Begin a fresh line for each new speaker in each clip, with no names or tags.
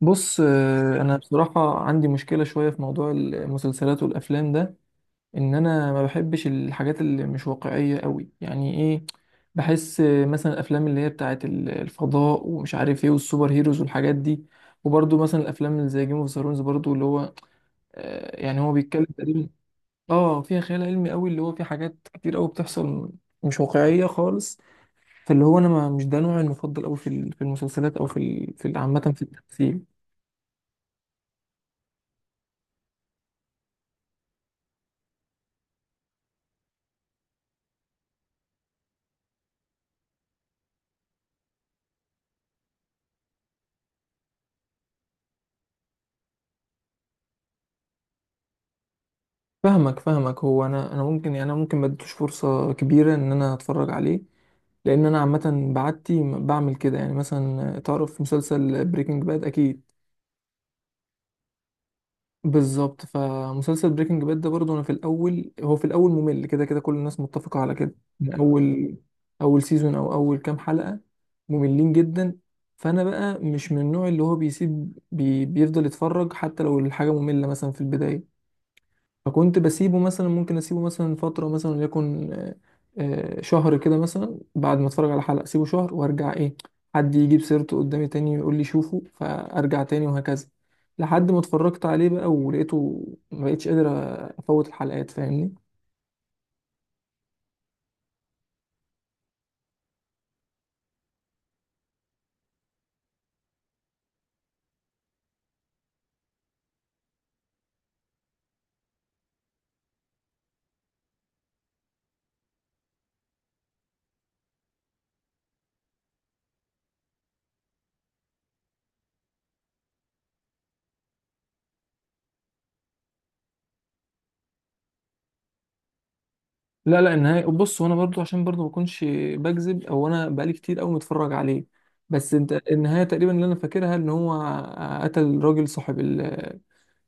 بص، انا بصراحه عندي مشكله شويه في موضوع المسلسلات والافلام ده، ان انا ما بحبش الحاجات اللي مش واقعيه قوي، يعني ايه؟ بحس مثلا الافلام اللي هي بتاعه الفضاء ومش عارف ايه والسوبر هيروز والحاجات دي. وبرده مثلا الافلام اللي زي جيم اوف ثرونز برضو اللي هو يعني هو بيتكلم تقريبا. اه، فيها خيال علمي قوي، اللي هو في حاجات كتير قوي بتحصل مش واقعيه خالص. فاللي هو انا ما مش ده نوعي المفضل قوي في في المسلسلات، او عامه في التمثيل. فاهمك فاهمك، هو انا ممكن، يعني انا ممكن ما اديتوش فرصه كبيره ان انا اتفرج عليه، لان انا عامه بعدتي بعمل كده. يعني مثلا تعرف مسلسل بريكنج باد؟ اكيد. بالظبط، فمسلسل بريكنج باد ده برضه انا في الاول ممل، كده كده كل الناس متفقه على كده، من اول اول سيزون او اول كام حلقه، مملين جدا. فانا بقى مش من النوع اللي هو بيسيب بي بيفضل يتفرج حتى لو الحاجه ممله مثلا في البدايه. فكنت بسيبه مثلا، ممكن اسيبه مثلا فترة مثلا، وليكن شهر كده مثلا. بعد ما اتفرج على حلقة اسيبه شهر وارجع، ايه، حد يجيب سيرته قدامي تاني ويقول لي شوفه، فارجع تاني، وهكذا، لحد ما اتفرجت عليه بقى ولقيته ما بقتش قادر افوت الحلقات، فاهمني؟ لا لا، النهاية، بص، وانا برضو عشان برضو ما اكونش بكذب، او انا بقالي كتير قوي متفرج عليه، بس انت، النهاية تقريبا اللي انا فاكرها ان هو قتل راجل صاحب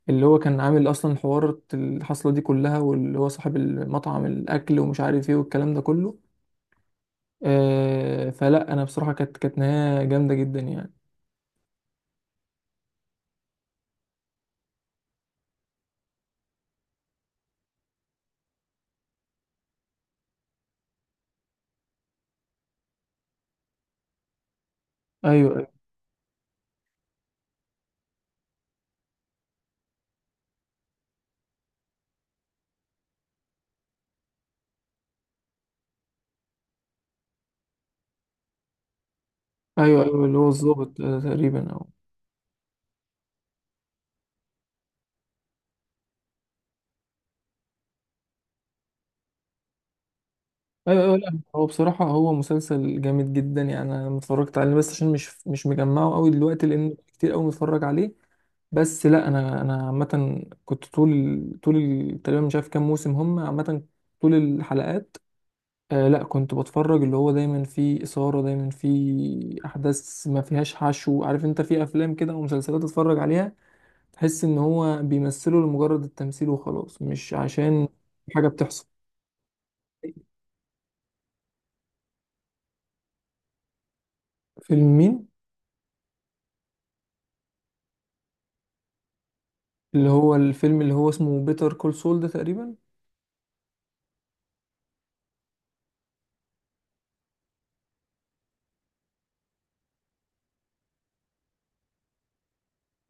اللي هو كان عامل اصلا حوار الحصله دي كلها، واللي هو صاحب المطعم الاكل ومش عارف ايه والكلام ده كله. آه، فلا انا بصراحه كانت نهايه جامده جدا يعني. ايوه ايوه، ايوه ايوه، اللي هو الظابط تقريبا، او ايوه ايوه. لا، هو بصراحه هو مسلسل جامد جدا يعني، انا لما اتفرجت عليه، بس عشان مش مجمعه قوي دلوقتي لان كتير قوي متفرج عليه. بس لا، انا عامه كنت طول، طول تقريبا مش عارف كام موسم هم، عامه طول الحلقات. لا، كنت بتفرج اللي هو دايما فيه إثارة، دايما فيه أحداث ما فيهاش حشو. عارف انت في أفلام كده أو مسلسلات تتفرج عليها، تحس إن هو بيمثله لمجرد التمثيل وخلاص، مش عشان حاجة بتحصل. فيلم مين؟ اللي هو الفيلم اللي هو اسمه بيتر كول سول ده تقريبا.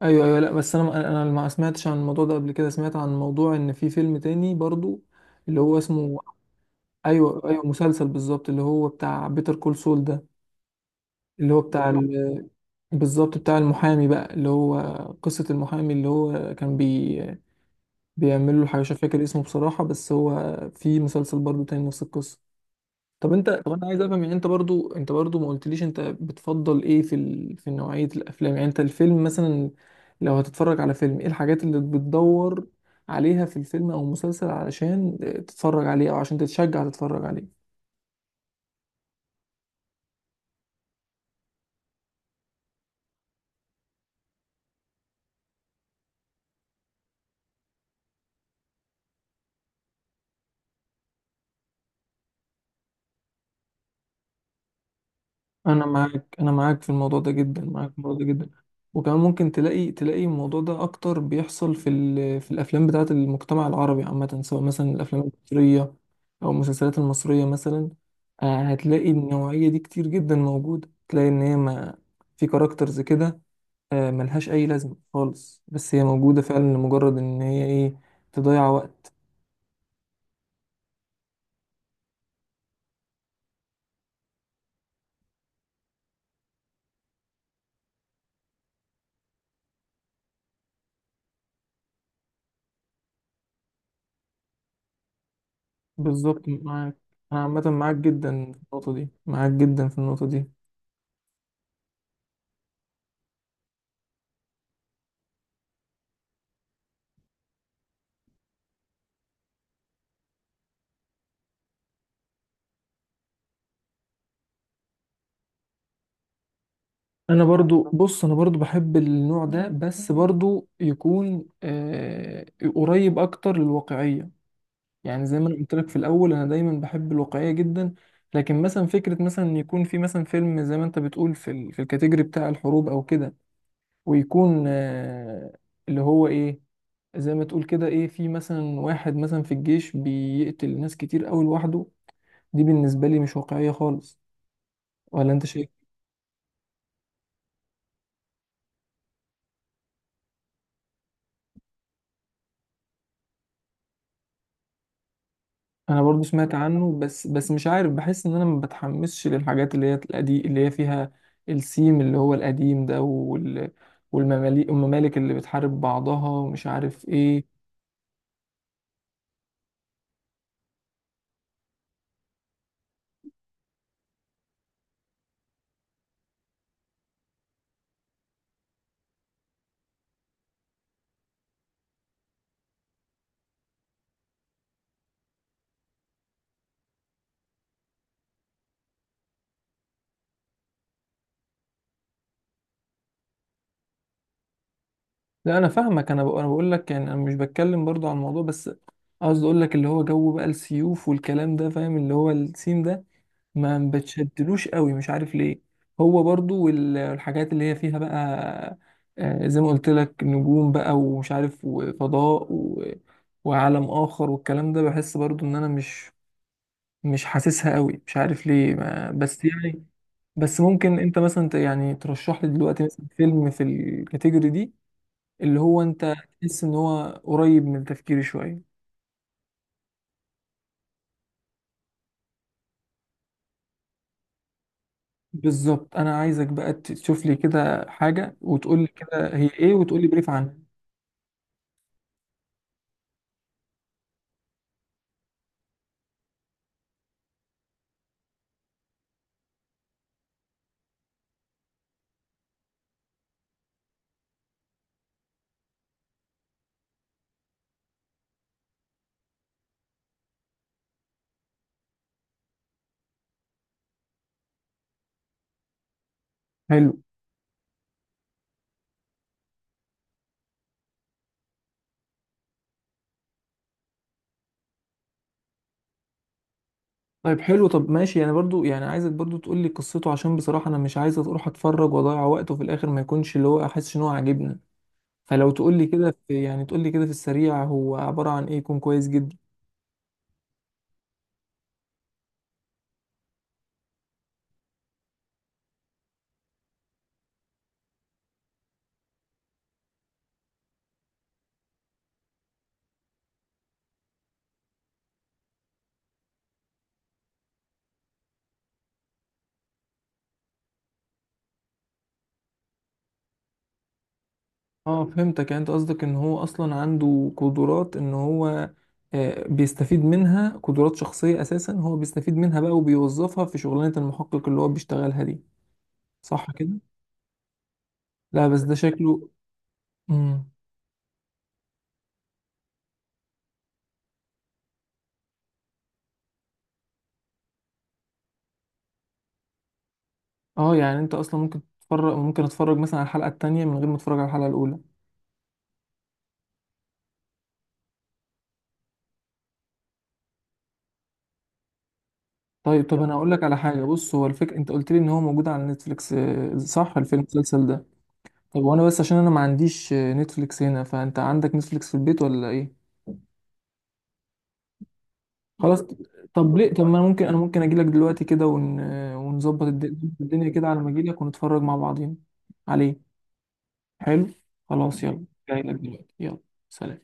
ايوه ايوه، لا بس انا ما سمعتش عن الموضوع ده قبل كده، سمعت عن موضوع ان في فيلم تاني برضو اللي هو اسمه... ايوه ايوه، مسلسل بالظبط اللي هو بتاع بيتر كول سول ده. اللي هو بتاع بالظبط بتاع المحامي بقى، اللي هو قصة المحامي اللي هو كان بيعمل له حاجة، مش فاكر اسمه بصراحة، بس هو في مسلسل برضو تاني نفس القصة. طب انا عايز افهم، يعني انت برضو، ما قلتليش انت بتفضل ايه في في نوعية الافلام. يعني انت الفيلم مثلا، لو هتتفرج على فيلم، ايه الحاجات اللي بتدور عليها في الفيلم او المسلسل علشان تتفرج عليه، او عشان تتشجع تتفرج عليه؟ انا معاك، انا معاك في الموضوع ده جدا، معاك في الموضوع ده جدا. وكمان ممكن تلاقي الموضوع ده اكتر بيحصل في في الافلام بتاعه المجتمع العربي عامه، سواء مثلا الافلام المصريه او المسلسلات المصريه مثلا. هتلاقي النوعيه دي كتير جدا موجوده، تلاقي ان هي ما في كاركترز كده، ملهاش اي لازمه خالص، بس هي موجوده فعلا لمجرد ان هي، ايه، تضيع وقت. بالظبط معاك. انا عامه معاك جدا في النقطه دي، معاك جدا في النقطه دي. انا برضو، بص، انا برضو بحب النوع ده، بس برضو يكون قريب اكتر للواقعية. يعني زي ما انا قلت لك في الاول، انا دايما بحب الواقعية جدا، لكن مثلا فكرة مثلا إن يكون في مثلا فيلم زي ما انت بتقول في في الكاتيجوري بتاع الحروب او كده، ويكون اللي هو ايه، زي ما تقول كده، ايه، في مثلا واحد مثلا في الجيش بيقتل ناس كتير قوي لوحده، دي بالنسبة لي مش واقعية خالص، ولا انت شايف؟ انا برضو سمعت عنه، بس مش عارف، بحس ان انا ما بتحمسش للحاجات اللي هي القديم، اللي هي فيها السيم اللي هو القديم ده، والمماليك والممالك اللي بتحارب بعضها ومش عارف ايه. لا انا فاهمك، انا بقول، لك يعني انا مش بتكلم برضو عن الموضوع، بس قصدي اقول لك اللي هو جو بقى السيوف والكلام ده، فاهم؟ اللي هو السيم ده ما بتشدلوش قوي، مش عارف ليه. هو برضو والحاجات اللي هي فيها بقى، زي ما قلت لك، نجوم بقى ومش عارف، وفضاء وعالم آخر والكلام ده، بحس برضو ان انا مش حاسسها قوي، مش عارف ليه ما... بس يعني. بس ممكن انت مثلا يعني ترشح لي دلوقتي مثلا فيلم في الكاتيجوري دي، اللي هو انت تحس ان هو قريب من تفكيري شوية؟ بالظبط، انا عايزك بقى تشوف لي كده حاجة وتقول لي كده هي ايه، وتقول لي بريف عنها. حلو. طيب حلو، طب ماشي، انا برضو يعني عايزك برضو تقول لي قصته، عشان بصراحة انا مش عايز اروح اتفرج واضيع وقت وفي الاخر ما يكونش اللي هو احس ان هو عاجبني. فلو تقول لي كده في، يعني تقول لي كده في السريع هو عبارة عن ايه، يكون كويس جدا. اه فهمتك، يعني انت قصدك ان هو اصلا عنده قدرات، ان هو بيستفيد منها، قدرات شخصية اساسا هو بيستفيد منها بقى وبيوظفها في شغلانة المحقق اللي هو بيشتغلها دي، صح كده؟ لا بس ده شكله. مم. اه، يعني انت اصلا ممكن تتفرج، ممكن اتفرج مثلا على الحلقه التانية من غير ما اتفرج على الحلقه الاولى؟ طيب، طب انا اقول لك على حاجه، بص، هو الفكره انت قلت لي ان هو موجود على نتفليكس، صح؟ الفيلم المسلسل ده. طب وانا بس عشان انا ما عنديش نتفليكس هنا، فانت عندك نتفليكس في البيت ولا ايه؟ خلاص. طب ليه؟ طب ما انا ممكن، اجي لك دلوقتي كده ون... آه، ونظبط الدنيا كده على ما اجي لك، ونتفرج مع بعضين عليه. حلو. خلاص، يلا. جاي لك دلوقتي، يلا. سلام.